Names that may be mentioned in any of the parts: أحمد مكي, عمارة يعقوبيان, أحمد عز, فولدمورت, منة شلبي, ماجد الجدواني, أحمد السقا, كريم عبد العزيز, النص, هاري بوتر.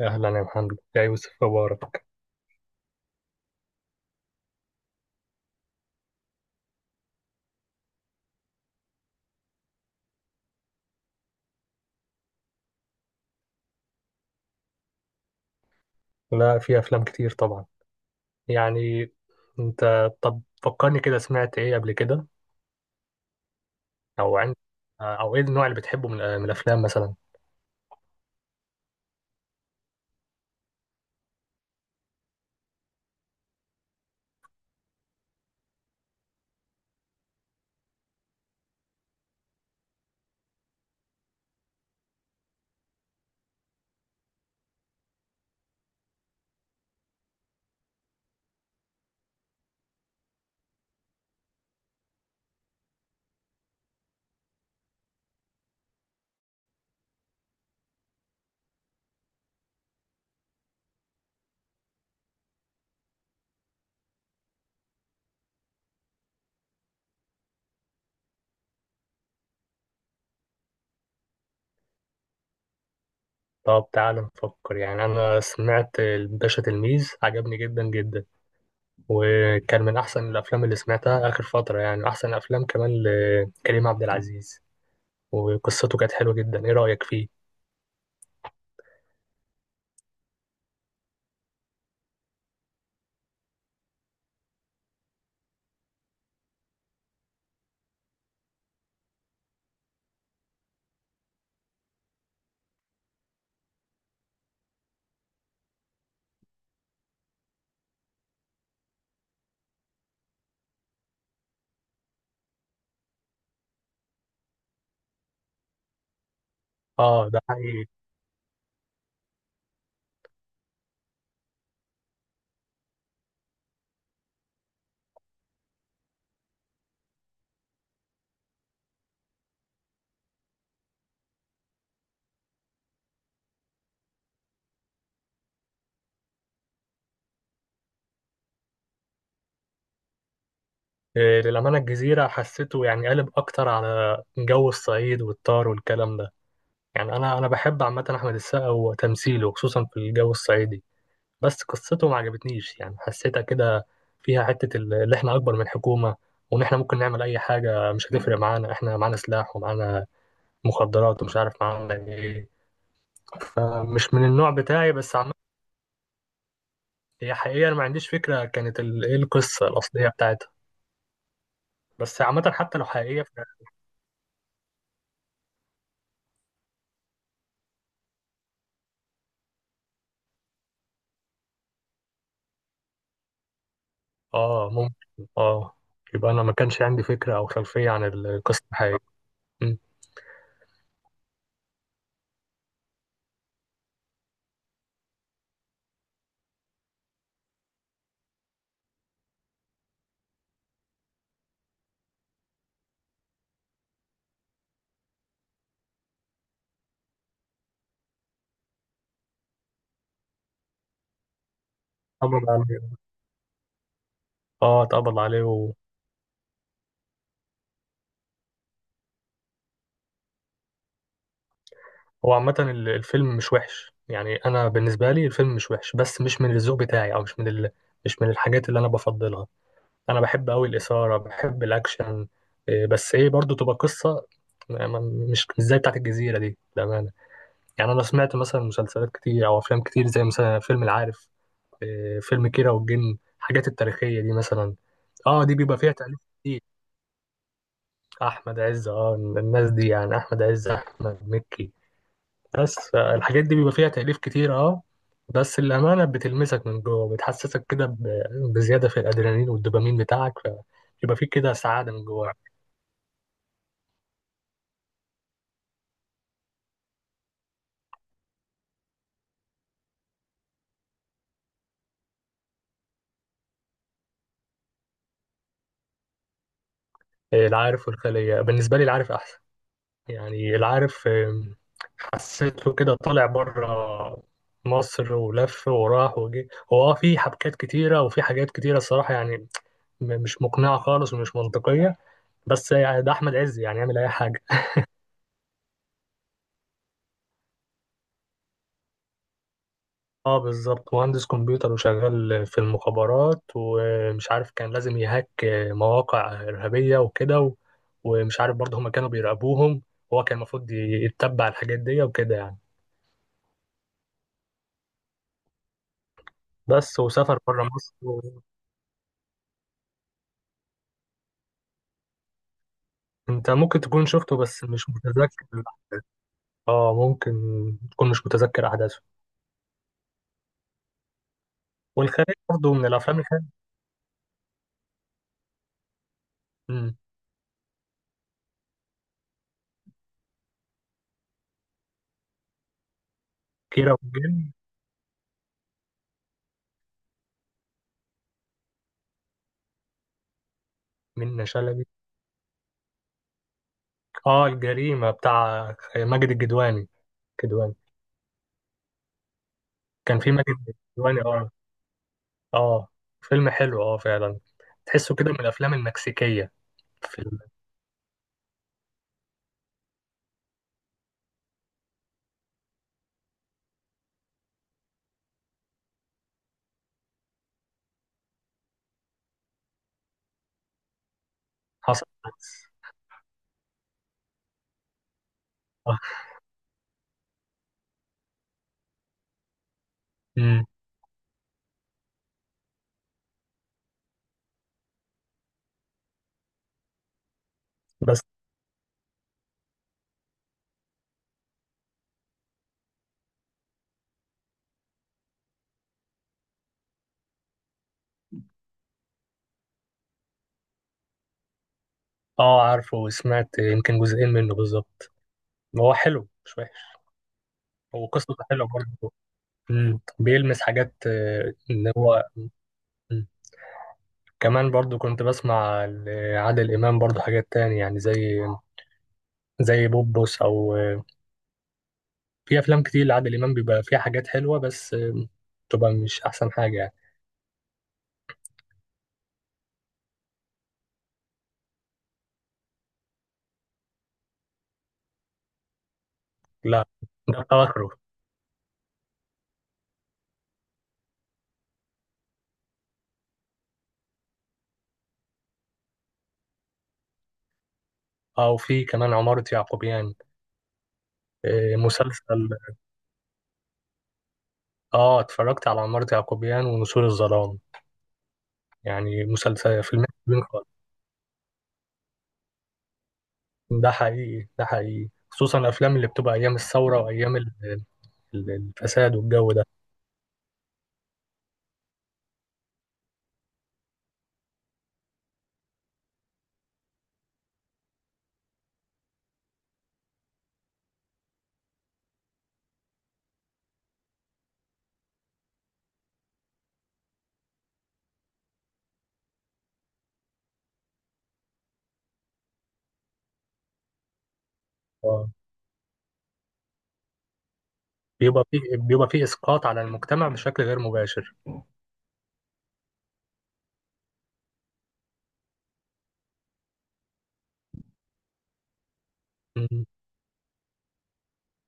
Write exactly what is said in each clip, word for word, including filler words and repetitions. أهلا يا محمد يا يوسف مبارك. لا، في أفلام كتير طبعا. يعني أنت طب فكرني كده، سمعت إيه قبل كده؟ أو عند، أو إيه النوع اللي بتحبه من من الأفلام مثلا؟ طب تعال نفكر يعني. أنا سمعت الباشا تلميذ، عجبني جدا جدا، وكان من أحسن الأفلام اللي سمعتها آخر فترة، يعني أحسن أفلام كمان لكريم عبد العزيز. وقصته كانت حلوة جدا، إيه رأيك فيه؟ آه ده حقيقي. إيه، للأمانة الجزيرة حسيته يعني قالب أكتر على جو الصعيد والطار والكلام ده. يعني أنا أنا بحب عامة أحمد السقا وتمثيله خصوصا في الجو الصعيدي، بس قصته ما عجبتنيش، يعني حسيتها كده فيها حتة ال- اللي إحنا أكبر من الحكومة، وإن إحنا ممكن نعمل أي حاجة مش هتفرق معانا، إحنا معانا سلاح ومعانا مخدرات ومش عارف معانا إيه. فمش من النوع بتاعي، بس عامة هي حقيقة أنا ما عنديش فكرة كانت ال- إيه القصة الأصلية بتاعتها. بس عامة حتى لو حقيقية، اه ممكن اه. يبقى انا ما كانش عندي فكره او خلفيه عن القصه الحقيقيه. مم. اتقبض عليه. اه اتقبض عليه و... هو عامه ال- الفيلم مش وحش، يعني انا بالنسبه لي الفيلم مش وحش، بس مش من الذوق بتاعي، او مش من ال... مش من الحاجات اللي انا بفضلها. انا بحب قوي الاثاره، بحب الاكشن. إيه، بس ايه برضو تبقى قصه، ما- ما- مش مش زي بتاعت الجزيره دي بامانه. يعني انا سمعت مثلا مسلسلات كتير او افلام كتير، زي مثلا فيلم العارف، إيه، فيلم كيرة والجن، الحاجات التاريخية دي مثلا. اه دي بيبقى فيها تأليف كتير. احمد عز، اه الناس دي، يعني احمد عز، احمد مكي. بس آه، الحاجات دي بيبقى فيها تأليف كتير اه. بس الأمانة بتلمسك من جوه، بتحسسك كده ب- بزيادة في الأدرينالين والدوبامين بتاعك، فبيبقى فيه كده سعادة من جواك. إيه، العارف والخلية، بالنسبة لي العارف أحسن. يعني العارف آم، حسيته كده طالع بره مصر ولف وراح وجه. هو اه في حبكات كتيرة وفي حاجات كتيرة الصراحة يعني م- مش مقنعة خالص ومش منطقية. بس يعني ده أحمد عز، يعني يعمل أي حاجة. اه بالظبط، مهندس كمبيوتر وشغال في المخابرات، ومش عارف كان لازم يهاك مواقع إرهابية وكده و- ومش عارف برضه هما كانوا بيراقبوهم. هو كان المفروض يتبع الحاجات دي وكده يعني. بس وسافر بره مصر. انت ممكن تكون شفته بس مش متذكر الأحداث. اه ممكن تكون مش متذكر احداثه. والخارج برضه من الافلام، الخارج. امم. كيرة والجن. منة شلبي. اه الجريمة بتاع ماجد الجدواني، الجدواني. كان في ماجد الجدواني اه. اه فيلم حلو اه فعلا. تحسه كده من الافلام المكسيكية. في ال- حصل بس. آه. امم. بس اه عارفه، وسمعت يمكن جزئين منه بالظبط. هو حلو مش وحش، وقصته حلوة برضه. مم. بيلمس حاجات آه، اللي هو. مم. كمان برضو كنت بسمع لعادل إمام برضو حاجات تاني، يعني زي زي بوبوس أو آه، في أفلام كتير لعادل إمام بيبقى فيها حاجات حلوة، بس آه، تبقى مش أحسن حاجة يعني. لا ده أواخره. أو في كمان عمارة يعقوبيان. آه، مسلسل. آه اتفرجت على عمارة يعقوبيان ونسور الظلام. يعني مسلسل، فيلمين حلوين خالص. ده حقيقي ده حقيقي، خصوصا الأفلام اللي بتبقى أيام الثورة وأيام ال- ال- الفساد والجو ده. آه. بيبقى فيه بيبقى فيه إسقاط على المجتمع بشكل غير مباشر. مم.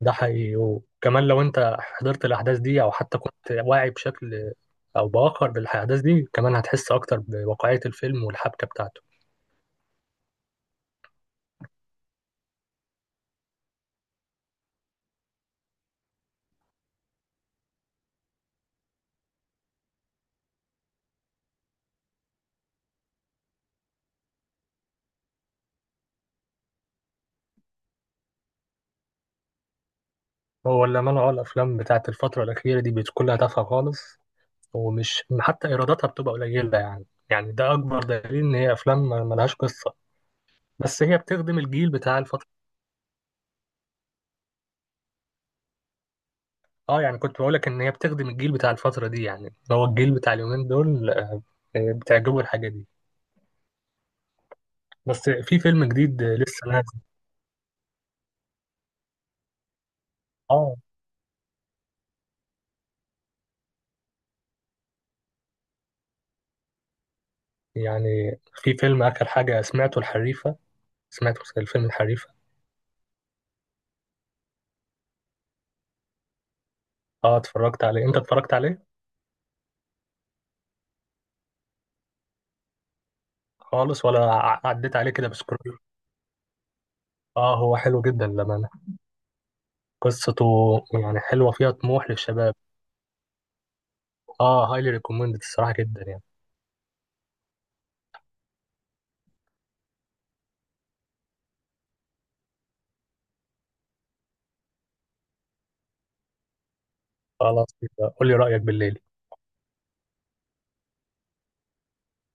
ده حقيقي، وكمان لو أنت حضرت الأحداث دي أو حتى كنت واعي بشكل أو بآخر بالأحداث دي، كمان هتحس أكتر بواقعية الفيلم والحبكة بتاعته. هو الأمانة أه الأفلام بتاعت الفترة الأخيرة دي بتكون لها تافهة خالص، ومش حتى إيراداتها بتبقى قليلة، يعني يعني ده أكبر دليل إن هي أفلام ما- ملهاش قصة. بس هي بتخدم الجيل بتاع الفترة. اه يعني كنت بقولك ان هي بتخدم الجيل بتاع الفترة دي، يعني هو الجيل بتاع اليومين دول آه، بتعجبه الحاجة دي. بس في فيلم جديد آه، لسه نازل. اه يعني في فيلم آخر حاجة سمعته، الحريفة. سمعت الفيلم الحريفة. اه اتفرجت عليه، انت اتفرجت عليه؟ خالص ولا ع- عديت عليه كده بسكرول؟ اه هو حلو جدا للأمانة. قصته يعني حلوة، فيها طموح للشباب. اه هايلي ريكومندد الصراحة جدا يعني. خلاص يبقى قول لي رأيك بالليل.